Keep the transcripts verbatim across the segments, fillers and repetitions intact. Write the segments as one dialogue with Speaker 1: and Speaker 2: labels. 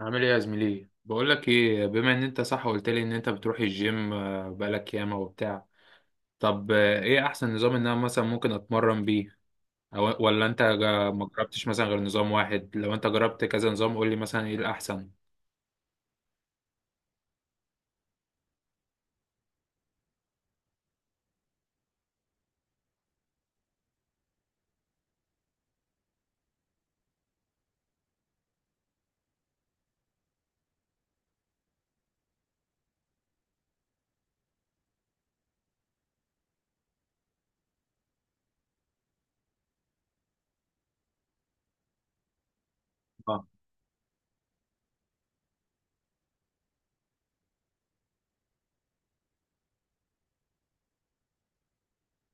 Speaker 1: عامل ايه يا زميلي؟ بقول لك ايه، بما ان انت صح قلت لي ان انت بتروح الجيم آه، بقالك ياما وبتاع. طب آه، ايه احسن نظام ان انا مثلا ممكن اتمرن بيه؟ أو ولا انت جا- ما جربتش مثلا غير نظام واحد؟ لو انت جربت كذا نظام قول لي مثلا ايه الاحسن. اه،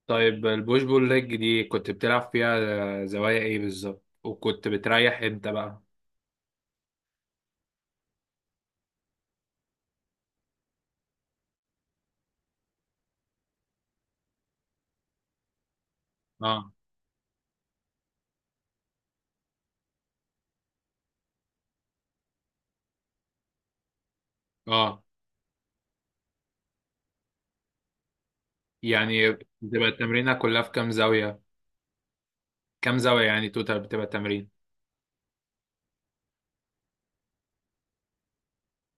Speaker 1: طيب البوش بول ليج دي كنت بتلعب فيها آه، زوايا ايه بالظبط؟ وكنت بتريح امتى بقى؟ اه، اه، يعني بتبقى التمرينة كلها في كام زاوية؟ كام زاوية يعني توتال بتبقى التمرين.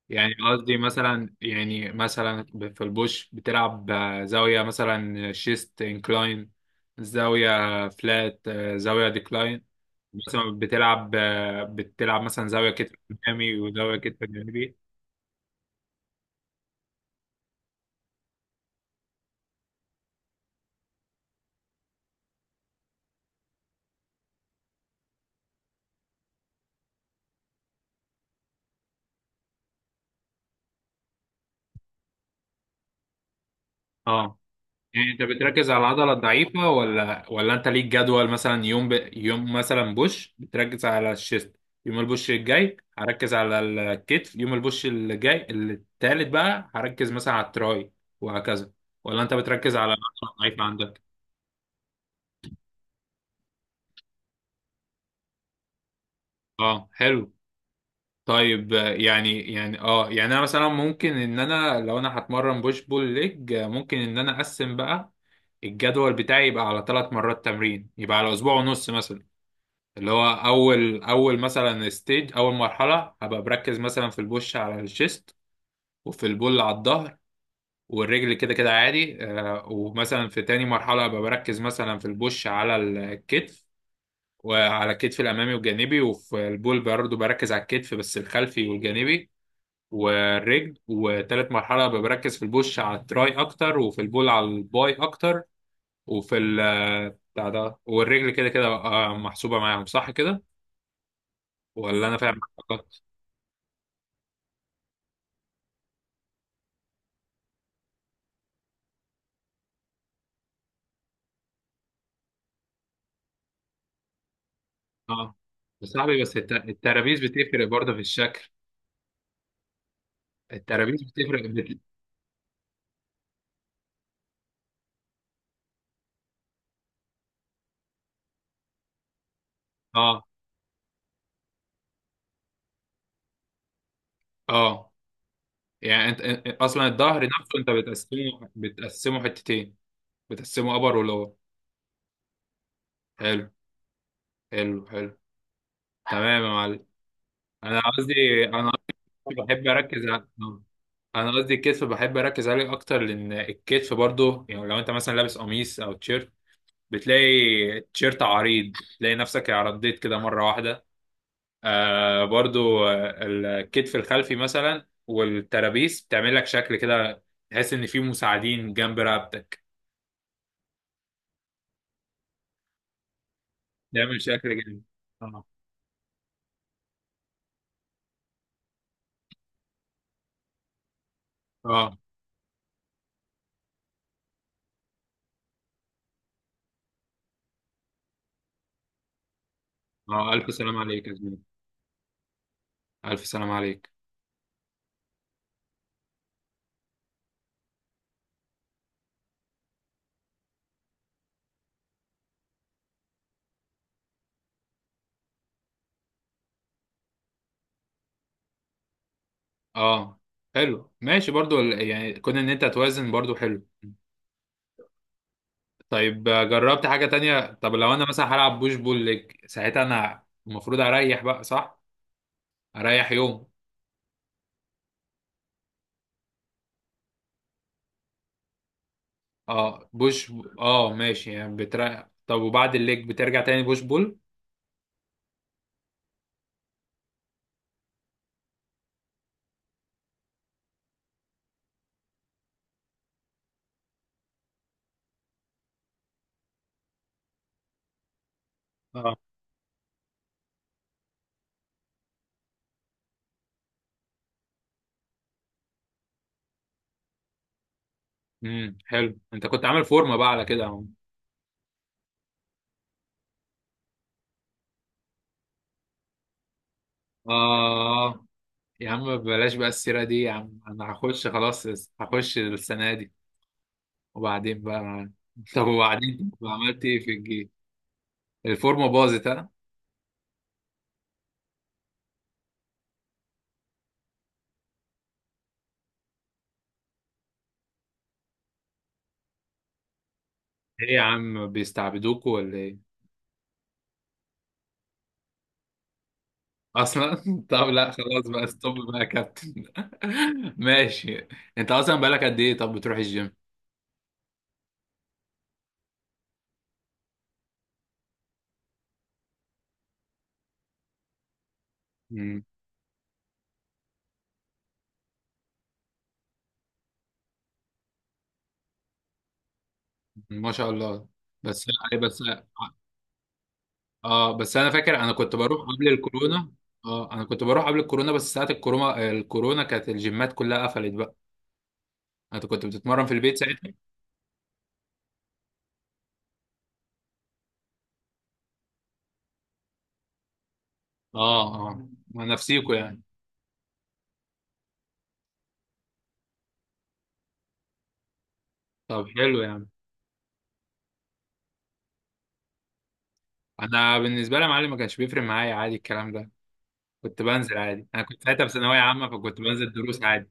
Speaker 1: يعني قصدي مثلا، يعني مثلا في البوش بتلعب زاوية مثلا شيست انكلاين، زاوية فلات، زاوية ديكلاين. مثلا بتلعب بتلعب مثلا زاوية كتف أمامي وزاوية كتف جانبي. اه، يعني انت بتركز على العضله الضعيفه ولا ولا انت ليك جدول، مثلا يوم ب... يوم مثلا بوش بتركز على الشيست، يوم البوش الجاي هركز على الكتف، يوم البوش الجاي التالت بقى هركز مثلا على التراي، وهكذا؟ ولا انت بتركز على العضله الضعيفه عندك؟ اه، حلو. طيب آه، يعني يعني اه يعني انا مثلا ممكن ان انا لو انا هتمرن بوش بول ليج آه، ممكن ان انا اقسم بقى الجدول بتاعي، يبقى على ثلاث مرات تمرين، يبقى على اسبوع ونص مثلا. اللي هو اول اول مثلا ستيج، اول مرحله هبقى بركز مثلا في البوش على الشيست وفي البول على الظهر، والرجل كده كده عادي. آه، ومثلا في تاني مرحله هبقى بركز مثلا في البوش على الكتف، وعلى الكتف الامامي والجانبي، وفي البول برضه بركز على الكتف بس الخلفي والجانبي والرجل. وتالت مرحله هبقى بركز في البوش على التراي اكتر وفي البول على الباي اكتر وفي ال آه، بتاع ده، والرجل كده كده آه، محسوبه معاهم. صح كده ولا انا فاهم؟ اه، يا صاحبي، بس الت- الترابيز بتفرق برضه في الشكل، الترابيز بتفرق بت... اه، اه، يعني انت أنت- اصلا الظهر نفسه انت بتقسمه بتقسمه حتتين؟ بتقسمه ابر ولور؟ حلو. حلو حلو. تمام يا معلم. انا قصدي انا قصدي بحب اركز على... آه. انا قصدي الكتف بحب اركز عليه اكتر، لان الكتف برضه يعني لو انت مثلا لابس قميص او تيشيرت، بتلاقي تيشيرت عريض، تلاقي نفسك عرضيت كده مره واحده. آه برضو آه، الكتف الخلفي مثلا والترابيس بتعمل لك شكل كده، تحس ان في مساعدين جنب رقبتك، تعمل شكل جميل. اه، اه، اه، الف سلام عليك يا زميلي. الف سلام عليك. اه، حلو ماشي برضو ال- يعني كون ان انت توازن برضو حلو. طيب آه، جربت حاجة تانية؟ طب لو انا مثلا هلعب بوش بول ليج ساعتها انا المفروض اريح بقى صح؟ اريح يوم؟ اه، بوش. اه، ماشي، يعني بتريح. طب وبعد الليج بترجع تاني بوش بول؟ امم حلو. انت كنت عامل فورمه بقى على كده يا عم. اه، يا عم بلاش بقى السيره دي يا عم، انا هخش خلاص، هخش السنه دي وبعدين بقى. طب وبعدين، طب عملت ايه في الجيش؟ الفورمه باظت ها؟ ايه يا عم بيستعبدوكوا ولا ايه؟ اصلا. طب لا خلاص بقى، ستوب بقى يا كابتن. ماشي. انت اصلا بقالك قد ايه طب بتروح الجيم؟ امم. ما شاء الله. بس. لا بس. اه، بس انا فاكر انا كنت بروح قبل الكورونا. اه، انا كنت بروح قبل الكورونا، بس ساعة الكورونا الكورونا كانت الجيمات كلها قفلت بقى. انت كنت بتتمرن في البيت ساعتها؟ اه، اه، مع نفسيكوا يعني؟ طب حلو، يعني انا بالنسبة لي يا معلم ما كانش بيفرق معايا عادي الكلام ده، كنت بنزل عادي. انا كنت ساعتها في ثانوية عامة فكنت بنزل دروس عادي.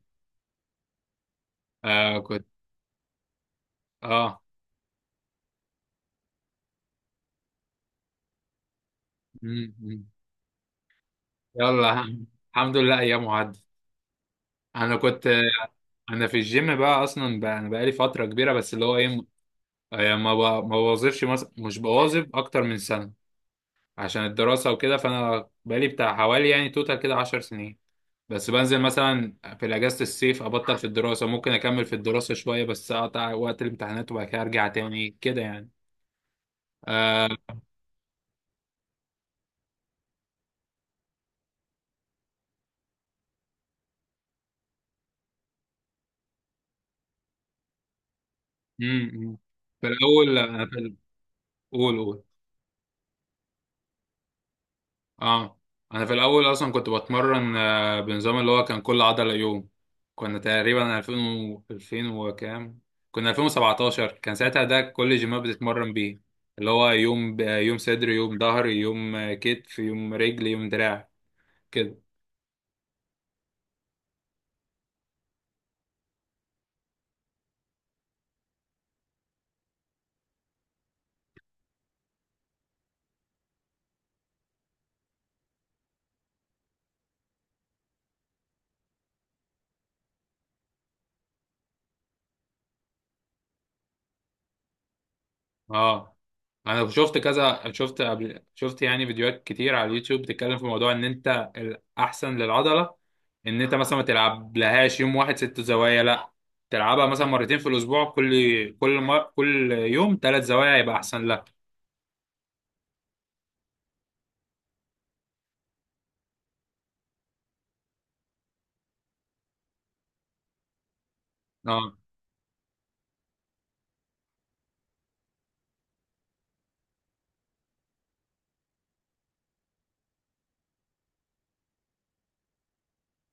Speaker 1: آه، كنت... اه مم، مم. يلا، الحمد لله ايام عدت. انا كنت انا في الجيم بقى اصلا، بقى انا بقالي فترة كبيرة، بس اللي هو ايه، يعني ما ب- ما بوظفش مثلا، مش بوظف اكتر من سنه عشان الدراسه وكده. فانا بقالي بتاع حوالي يعني توتال كده 10 سنين، بس بنزل مثلا في اجازه الصيف، ابطل في الدراسه ممكن اكمل في الدراسه شويه بس اقطع وقت الامتحانات وبعد كده ارجع تاني كده يعني. آه. أمم. في الاول انا في ال- قول قول. اه، انا في الاول اصلا كنت بتمرن آه، بنظام اللي هو كان كل عضله يوم. كنا تقريبا ألفين و ألفين وكام، كنا ألفين وسبعة عشر كان ساعتها ده كل الجيمات بتتمرن بيه. اللي هو يوم ب- يوم صدر، يوم ظهر، يوم آه، كتف، يوم رجل، يوم دراع، كده. اه، انا شفت كذا، شفت قبل، شفت يعني فيديوهات كتير على اليوتيوب بتتكلم في موضوع ان انت الاحسن للعضله ان انت مثلا ما تلعبلهاش يوم واحد ست زوايا، لا، تلعبها مثلا مرتين في الاسبوع، كل كل مر... كل يوم ثلاث زوايا يبقى احسن لك. اه،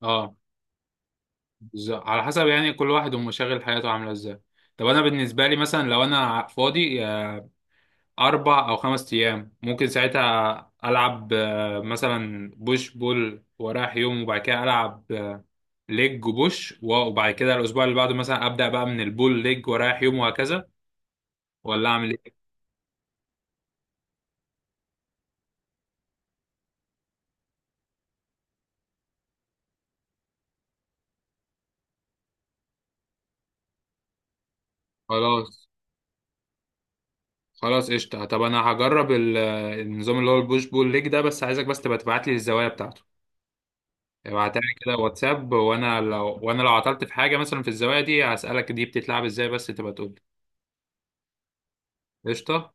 Speaker 1: اه، بالظ- على حسب يعني كل واحد ومشاغل حياته عامله ازاي. طب انا بالنسبه لي مثلا لو انا فاضي آه، اربع او خمس ايام، ممكن ساعتها العب آه، مثلا بوش بول ورايح يوم، وبعد كده العب آه، ليج وبوش و- وبعد كده الاسبوع اللي بعده مثلا ابدا بقى من البول ليج ورايح يوم وهكذا. ولا اعمل ايه؟ خلاص. خلاص قشطة. طب أنا هجرب ال- النظام اللي هو البوش بول ليج ده، بس عايزك بس تبقى تبعت لي الزوايا بتاعته، ابعتها لي كده واتساب. وأنا لو وأنا لو عطلت في حاجة مثلا في الزوايا دي هسألك دي بتتلعب إزاي، بس تبقى تقول لي. قشطة.